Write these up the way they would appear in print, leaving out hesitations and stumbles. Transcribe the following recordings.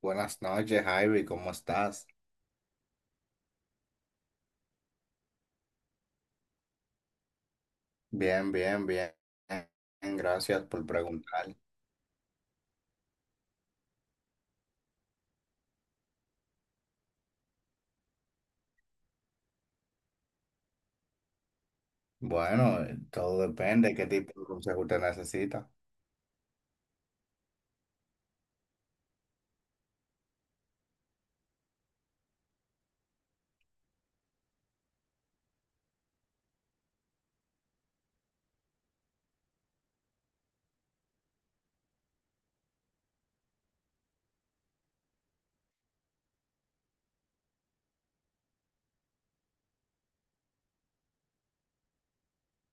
Buenas noches, Javi, ¿cómo estás? Bien, bien, bien, bien, gracias por preguntar. Bueno, todo depende de qué tipo de consejo usted necesita.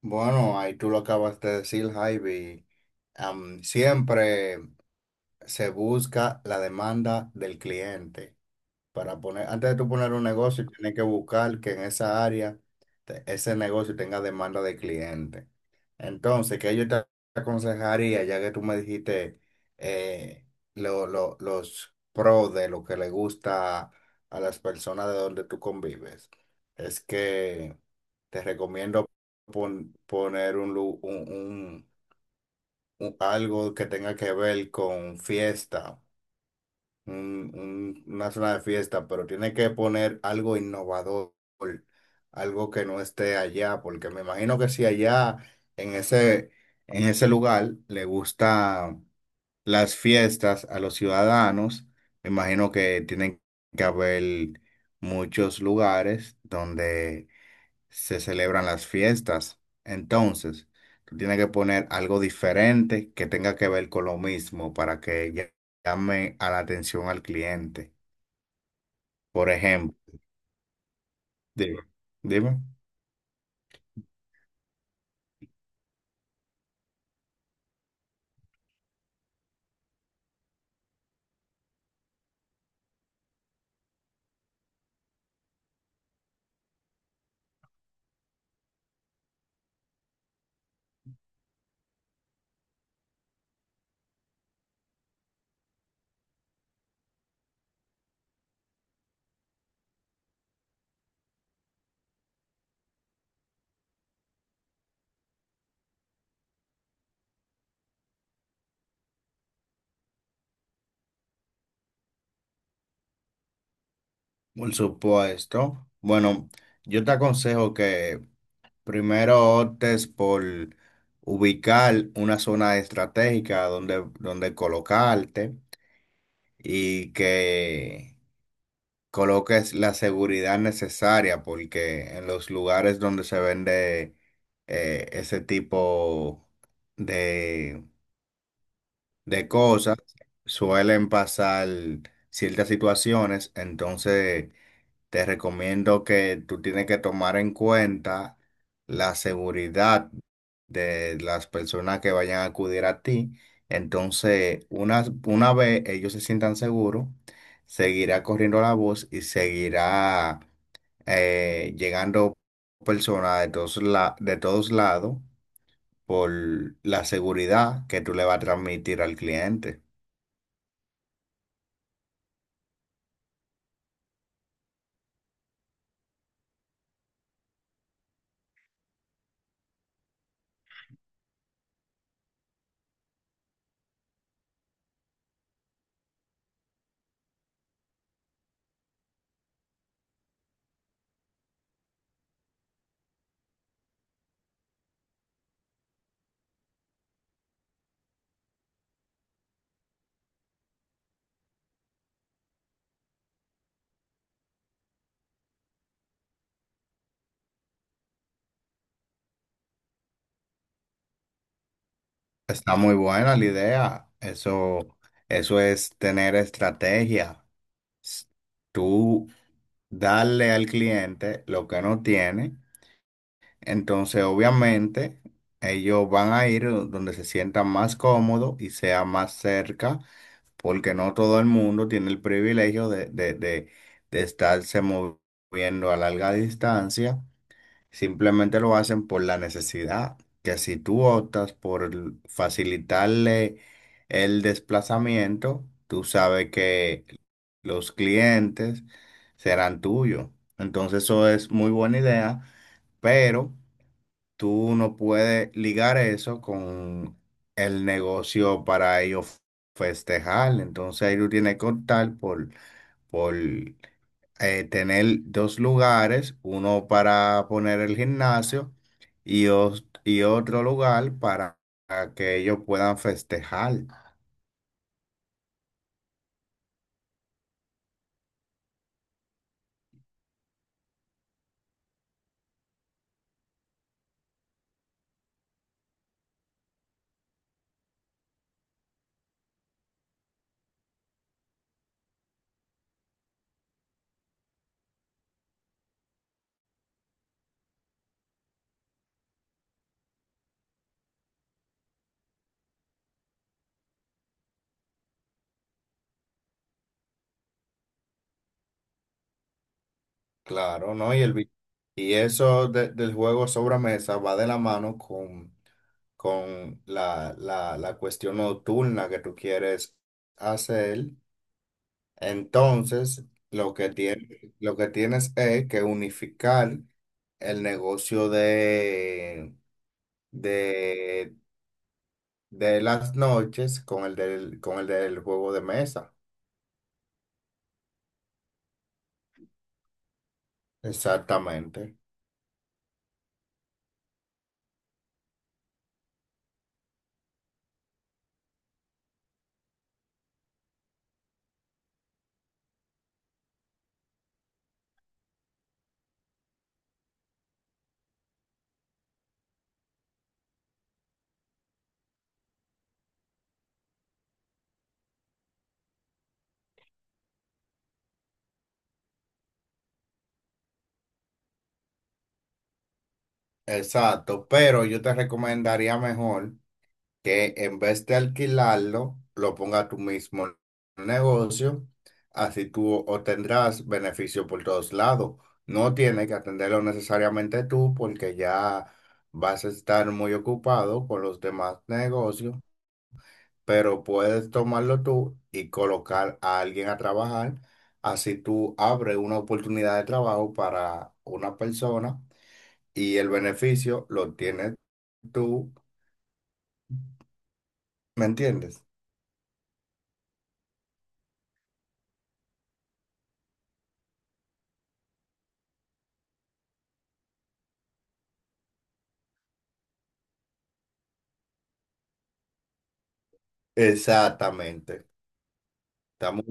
Bueno, ahí tú lo acabas de decir, Javi. Siempre se busca la demanda del cliente. Para poner, antes de tú poner un negocio, tienes que buscar que en esa área ese negocio tenga demanda de cliente. Entonces, ¿qué yo te aconsejaría, ya que tú me dijiste eh, los pros de lo que le gusta a las personas de donde tú convives? Es que te recomiendo poner un, lu- un- algo que tenga que ver con fiesta, una zona de fiesta, pero tiene que poner algo innovador, algo que no esté allá, porque me imagino que si allá en ese, en ese lugar le gustan las fiestas a los ciudadanos, me imagino que tienen que haber muchos lugares donde se celebran las fiestas. Entonces, tú tienes que poner algo diferente que tenga que ver con lo mismo para que llame a la atención al cliente. Por ejemplo, dime, dime. Por supuesto. Bueno, yo te aconsejo que primero optes por ubicar una zona estratégica donde colocarte y que coloques la seguridad necesaria, porque en los lugares donde se vende ese tipo de, de cosas suelen pasar ciertas situaciones. Entonces te recomiendo que tú tienes que tomar en cuenta la seguridad de las personas que vayan a acudir a ti. Entonces, una vez ellos se sientan seguros, seguirá corriendo la voz y seguirá llegando personas de todos, de todos lados por la seguridad que tú le vas a transmitir al cliente. Está muy buena la idea. Eso es tener estrategia. s- Tú darle al cliente lo que no tiene, entonces obviamente ellos van a ir donde se sientan más cómodo y sea más cerca, porque no todo el mundo tiene el privilegio de estarse moviendo a larga distancia. Simplemente lo hacen por la necesidad, que si tú optas por facilitarle el desplazamiento, tú sabes que los clientes serán tuyos. Entonces eso es muy buena idea, pero tú no puedes ligar eso con el negocio para ellos festejar. Entonces ahí tú tienes que optar por tener dos lugares, uno para poner el gimnasio y, y otro lugar para que ellos puedan festejar. Claro, ¿no? Y, y eso del juego sobre mesa va de la mano con la cuestión nocturna que tú quieres hacer. Entonces, lo que tienes es que unificar el negocio de de las noches con el del juego de mesa. Exactamente. Exacto. Pero yo te recomendaría mejor que en vez de alquilarlo, lo ponga tú mismo en el negocio. Así tú obtendrás beneficio por todos lados. No tienes que atenderlo necesariamente tú porque ya vas a estar muy ocupado con los demás negocios, pero puedes tomarlo tú y colocar a alguien a trabajar. Así tú abres una oportunidad de trabajo para una persona y el beneficio lo tienes tú, ¿me entiendes? Exactamente. Estamos,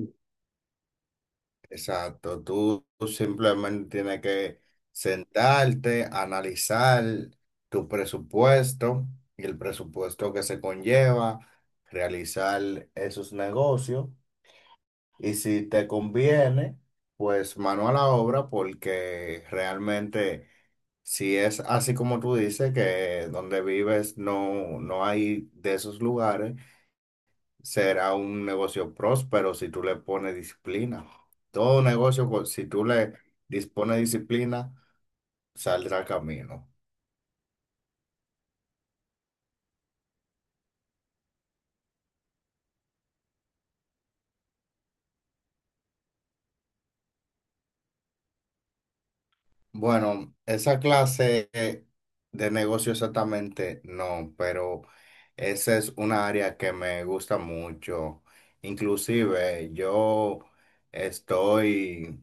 exacto. Tú simplemente tienes que sentarte, analizar tu presupuesto y el presupuesto que se conlleva, realizar esos negocios. Y si te conviene, pues mano a la obra, porque realmente si es así como tú dices, que donde vives no, no hay de esos lugares, será un negocio próspero si tú le pones disciplina. Todo negocio, si tú le dispones disciplina, saldrá camino. Bueno, esa clase de negocio exactamente no, pero esa es una área que me gusta mucho. Inclusive yo estoy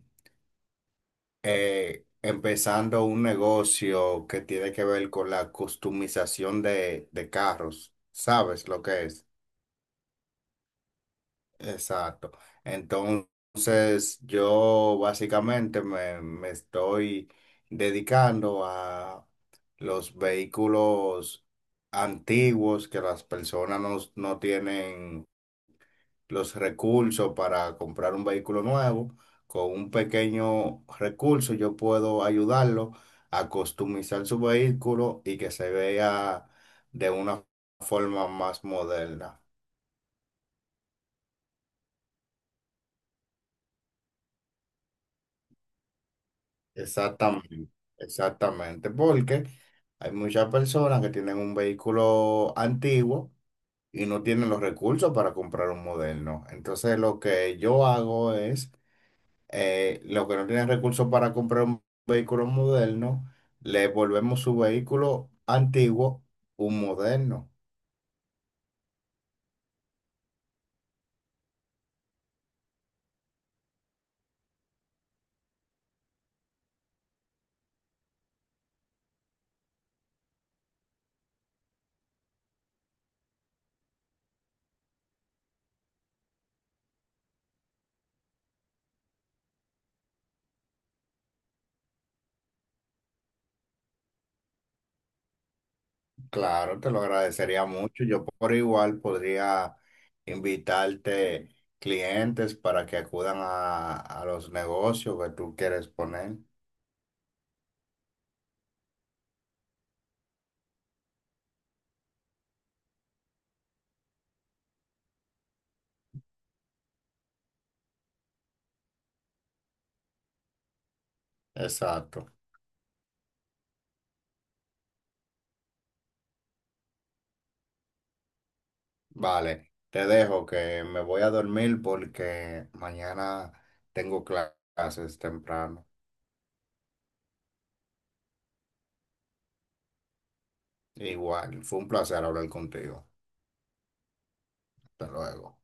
empezando un negocio que tiene que ver con la customización de carros. ¿Sabes lo que es? Exacto. Entonces, yo básicamente me estoy dedicando a los vehículos antiguos que las personas no tienen los recursos para comprar un vehículo nuevo. Con un pequeño recurso yo puedo ayudarlo a customizar su vehículo y que se vea de una forma más moderna. Exactamente, exactamente, porque hay muchas personas que tienen un vehículo antiguo y no tienen los recursos para comprar un moderno. Entonces, lo que yo hago es, los que no tienen recursos para comprar un vehículo moderno, le volvemos su vehículo antiguo un moderno. Claro, te lo agradecería mucho. Yo por igual podría invitarte clientes para que acudan a los negocios que tú quieres poner. Exacto. Vale, te dejo que me voy a dormir porque mañana tengo clases temprano. Igual, fue un placer hablar contigo. Hasta luego.